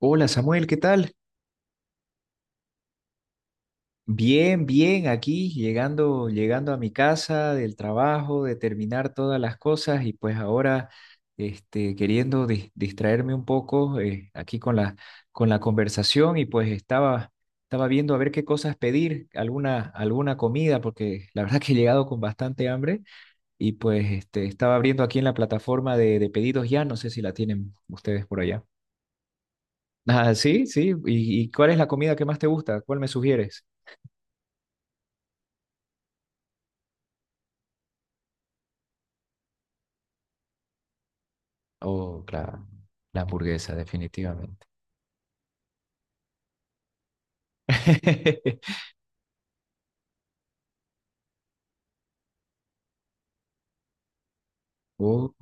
Hola Samuel, ¿qué tal? Bien, bien, aquí llegando, llegando a mi casa del trabajo, de terminar todas las cosas y pues ahora queriendo distraerme un poco aquí con la conversación y pues estaba viendo a ver qué cosas pedir, alguna comida, porque la verdad que he llegado con bastante hambre y pues estaba abriendo aquí en la plataforma de pedidos ya, no sé si la tienen ustedes por allá. Ah, sí, sí. ¿Y cuál es la comida que más te gusta? ¿Cuál me sugieres? Oh, claro, la hamburguesa, definitivamente. Oh,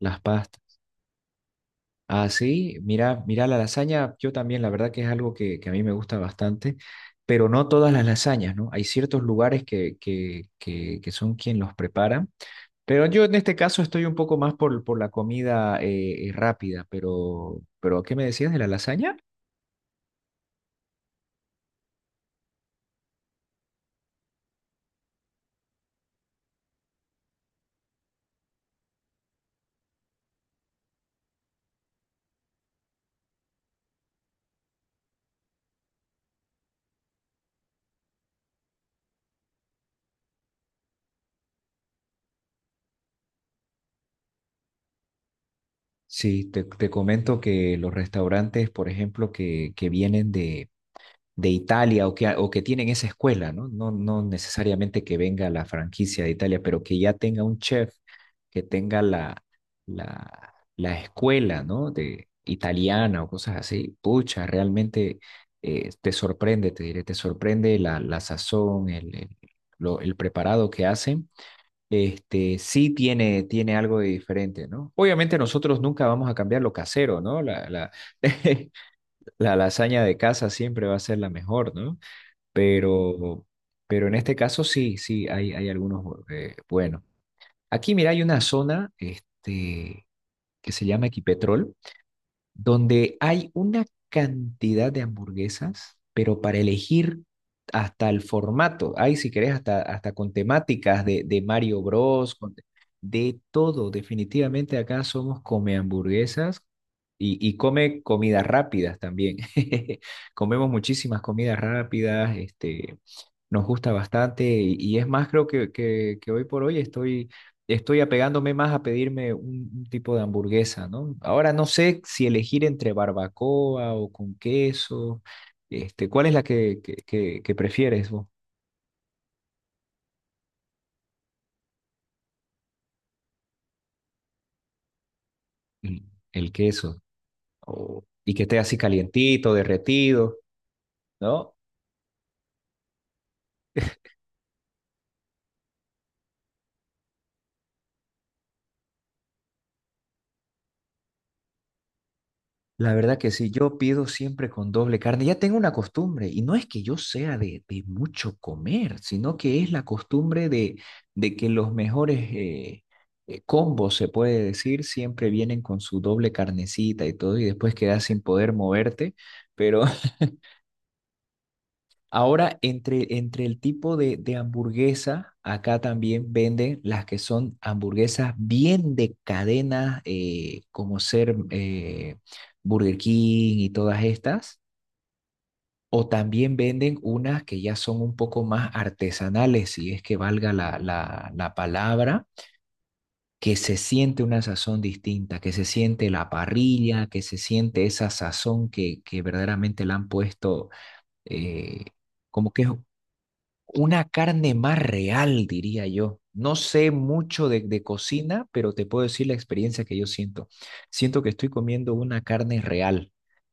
las pastas. Ah, sí, mira la lasaña, yo también, la verdad que es algo que a mí me gusta bastante, pero no todas las lasañas, ¿no? Hay ciertos lugares que son quien los preparan, pero yo en este caso estoy un poco más por la comida rápida, pero ¿qué me decías de la lasaña? Sí, te comento que los restaurantes, por ejemplo, que vienen de Italia o que tienen esa escuela, ¿no? No, no necesariamente que venga la franquicia de Italia, pero que ya tenga un chef, que tenga la escuela, ¿no? De italiana o cosas así. Pucha, realmente te sorprende, te diré, te sorprende la sazón, el preparado que hacen. Sí tiene algo de diferente, ¿no? Obviamente nosotros nunca vamos a cambiar lo casero, ¿no? La lasaña de casa siempre va a ser la mejor, ¿no? Pero, pero en este caso sí, sí, hay algunos bueno. Aquí, mira, hay una zona que se llama Equipetrol, donde hay una cantidad de hamburguesas, pero para elegir hasta el formato. Hay, si querés, hasta con temáticas de Mario Bros, de todo. Definitivamente acá somos come hamburguesas y come comidas rápidas también. Comemos muchísimas comidas rápidas, nos gusta bastante y es más, creo que hoy por hoy estoy apegándome más a pedirme un tipo de hamburguesa, ¿no? Ahora no sé si elegir entre barbacoa o con queso, ¿cuál es la que prefieres vos? El, el queso, y que esté así calientito, derretido, ¿no? La verdad que sí, yo pido siempre con doble carne. Ya tengo una costumbre, y no es que yo sea de mucho comer, sino que es la costumbre de que los mejores combos, se puede decir, siempre vienen con su doble carnecita y todo, y después quedas sin poder moverte. Pero ahora, entre el tipo de hamburguesa, acá también venden las que son hamburguesas bien de cadena, como ser Burger King y todas estas. O también venden unas que ya son un poco más artesanales, si es que valga la palabra, que se siente una sazón distinta, que se siente la parrilla, que se siente esa sazón que verdaderamente le han puesto, eh, como que es una carne más real, diría yo. No sé mucho de cocina, pero te puedo decir la experiencia que yo siento. Siento que estoy comiendo una carne real,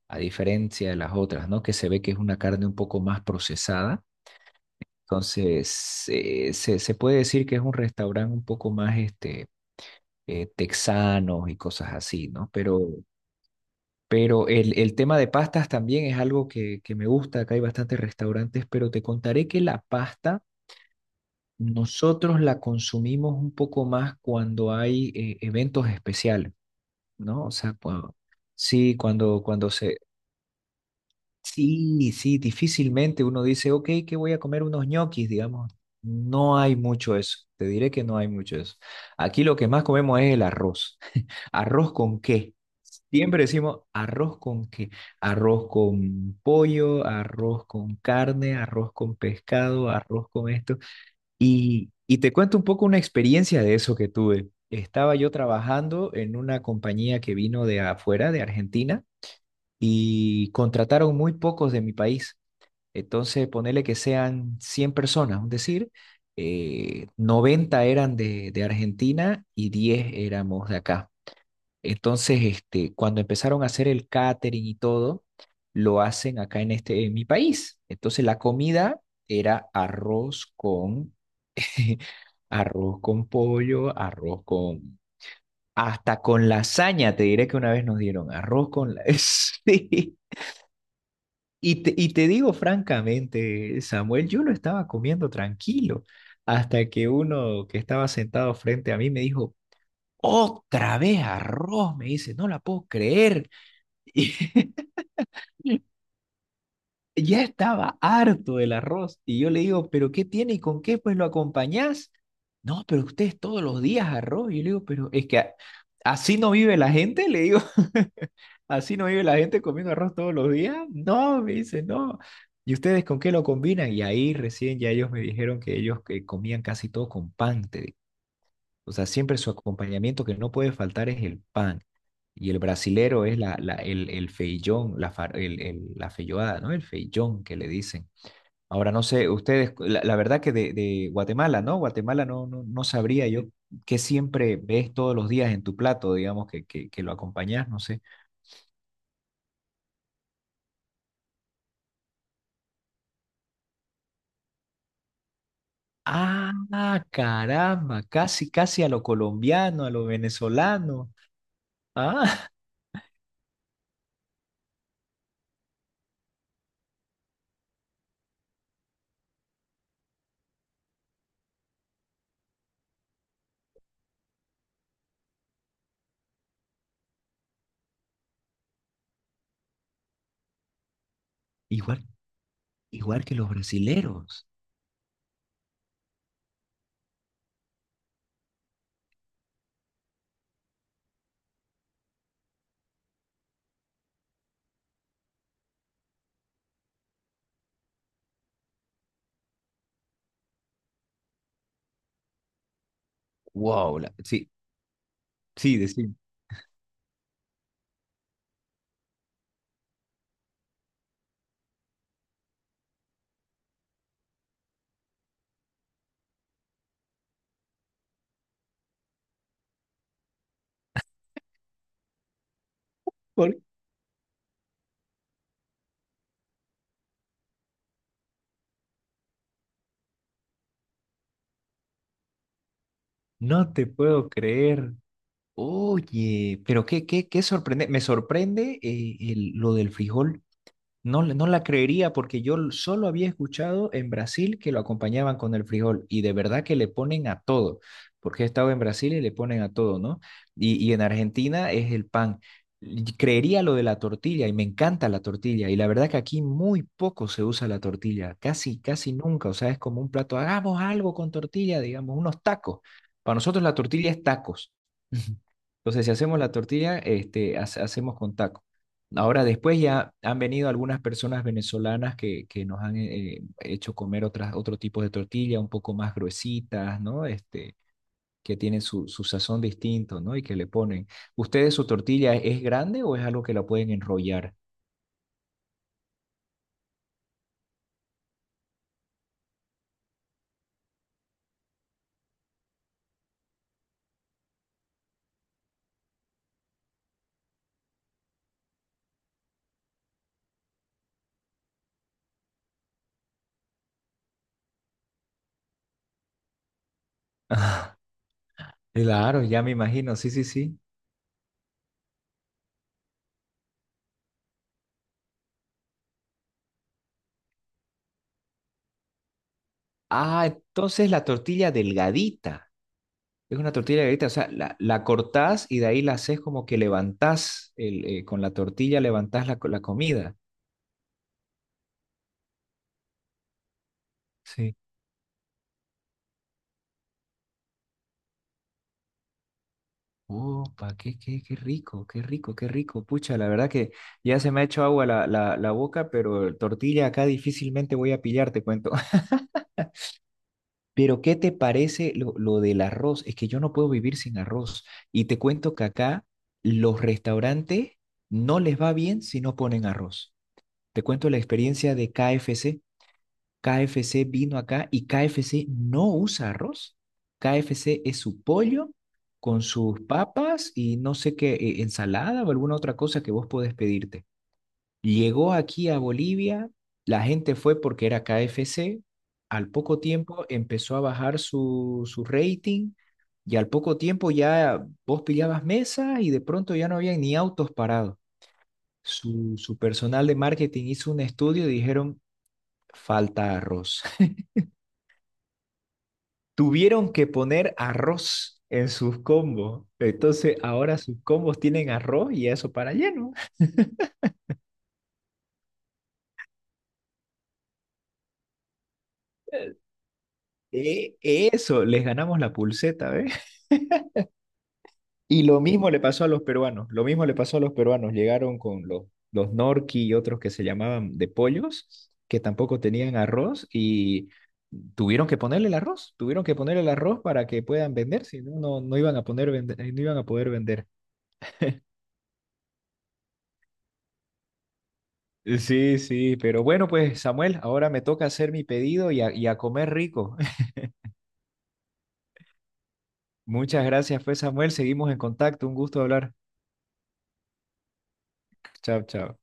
a diferencia de las otras, ¿no? Que se ve que es una carne un poco más procesada entonces, se puede decir que es un restaurante un poco más texano y cosas así, ¿no? Pero el tema de pastas también es algo que me gusta. Acá hay bastantes restaurantes, pero te contaré que la pasta nosotros la consumimos un poco más cuando hay eventos especiales, ¿no? O sea, cuando, sí, cuando se... Sí, sí, difícilmente uno dice, ok, que voy a comer unos ñoquis, digamos. No hay mucho eso, te diré que no hay mucho eso. Aquí lo que más comemos es el arroz. ¿Arroz con qué? Siempre decimos arroz con qué. Arroz con pollo, arroz con carne, arroz con pescado, arroz con esto. Y te cuento un poco una experiencia de eso que tuve. Estaba yo trabajando en una compañía que vino de afuera, de Argentina, y contrataron muy pocos de mi país. Entonces, ponerle que sean 100 personas, es decir, 90 eran de Argentina y 10 éramos de acá. Entonces, cuando empezaron a hacer el catering y todo, lo hacen acá en mi país. Entonces, la comida era arroz con pollo, arroz con... Hasta con lasaña, te diré que una vez nos dieron arroz con la... Sí. Y te digo francamente, Samuel, yo lo estaba comiendo tranquilo hasta que uno que estaba sentado frente a mí me dijo, otra vez arroz, me dice, no la puedo creer. Y, ya estaba harto del arroz y yo le digo, pero ¿qué tiene y con qué pues lo acompañás? No, pero ustedes todos los días arroz. Y yo le digo, pero es que así no vive la gente, le digo, así no vive la gente comiendo arroz todos los días. No, me dice, no. ¿Y ustedes con qué lo combinan? Y ahí recién ya ellos me dijeron que ellos que comían casi todo con pan, te digo. O sea, siempre su acompañamiento que no puede faltar es el pan. Y el brasilero es el feijón, la feijoada, ¿no? El feijón que le dicen. Ahora no sé, ustedes, la verdad que de Guatemala, ¿no? Guatemala no, no, no sabría yo qué siempre ves todos los días en tu plato, digamos, que lo acompañas, no sé. Ah, caramba, casi, casi a lo colombiano, a lo venezolano. Ah, igual, igual que los brasileros. Wow, sí, sí, decimos. No te puedo creer. Oye, pero qué sorprende, me sorprende lo del frijol. No, no la creería porque yo solo había escuchado en Brasil que lo acompañaban con el frijol y de verdad que le ponen a todo, porque he estado en Brasil y le ponen a todo, ¿no? Y en Argentina es el pan. Y creería lo de la tortilla y me encanta la tortilla y la verdad que aquí muy poco se usa la tortilla, casi, casi nunca, o sea, es como un plato, hagamos algo con tortilla, digamos, unos tacos. Para nosotros la tortilla es tacos. Entonces, si hacemos la tortilla, hacemos con tacos. Ahora, después ya han venido algunas personas venezolanas que nos han hecho comer otro tipo de tortilla, un poco más gruesitas, ¿no? Que tienen su sazón distinto, ¿no? Y que le ponen. ¿Ustedes su tortilla es grande o es algo que la pueden enrollar? Claro, ya me imagino, sí, sí, sí. Ah, entonces la tortilla delgadita. Es una tortilla delgadita, o sea, la cortás y de ahí la haces como que levantás, con la tortilla levantás la comida. Opa, qué rico, qué rico, qué rico. Pucha, la verdad que ya se me ha hecho agua la boca, pero tortilla acá difícilmente voy a pillar, te cuento. Pero, ¿qué te parece lo del arroz? Es que yo no puedo vivir sin arroz. Y te cuento que acá los restaurantes no les va bien si no ponen arroz. Te cuento la experiencia de KFC. KFC vino acá y KFC no usa arroz. KFC es su pollo con sus papas y no sé qué, ensalada o alguna otra cosa que vos podés pedirte. Llegó aquí a Bolivia, la gente fue porque era KFC, al poco tiempo empezó a bajar su rating y al poco tiempo ya vos pillabas mesa y de pronto ya no había ni autos parados. Su personal de marketing hizo un estudio y dijeron, falta arroz. Tuvieron que poner arroz en sus combos. Entonces ahora sus combos tienen arroz y eso para lleno. Eso, les ganamos la pulseta, ¿ves? Y lo mismo le pasó a los peruanos, lo mismo le pasó a los peruanos. Llegaron con los norqui y otros que se llamaban de pollos, que tampoco tenían arroz y tuvieron que ponerle el arroz, tuvieron que ponerle el arroz para que puedan vender, si no, no iban a poner no iban a poder vender. Sí, sí, pero bueno, pues Samuel, ahora me toca hacer mi pedido y a comer rico. Muchas gracias, pues Samuel, seguimos en contacto, un gusto hablar. Chao, chao.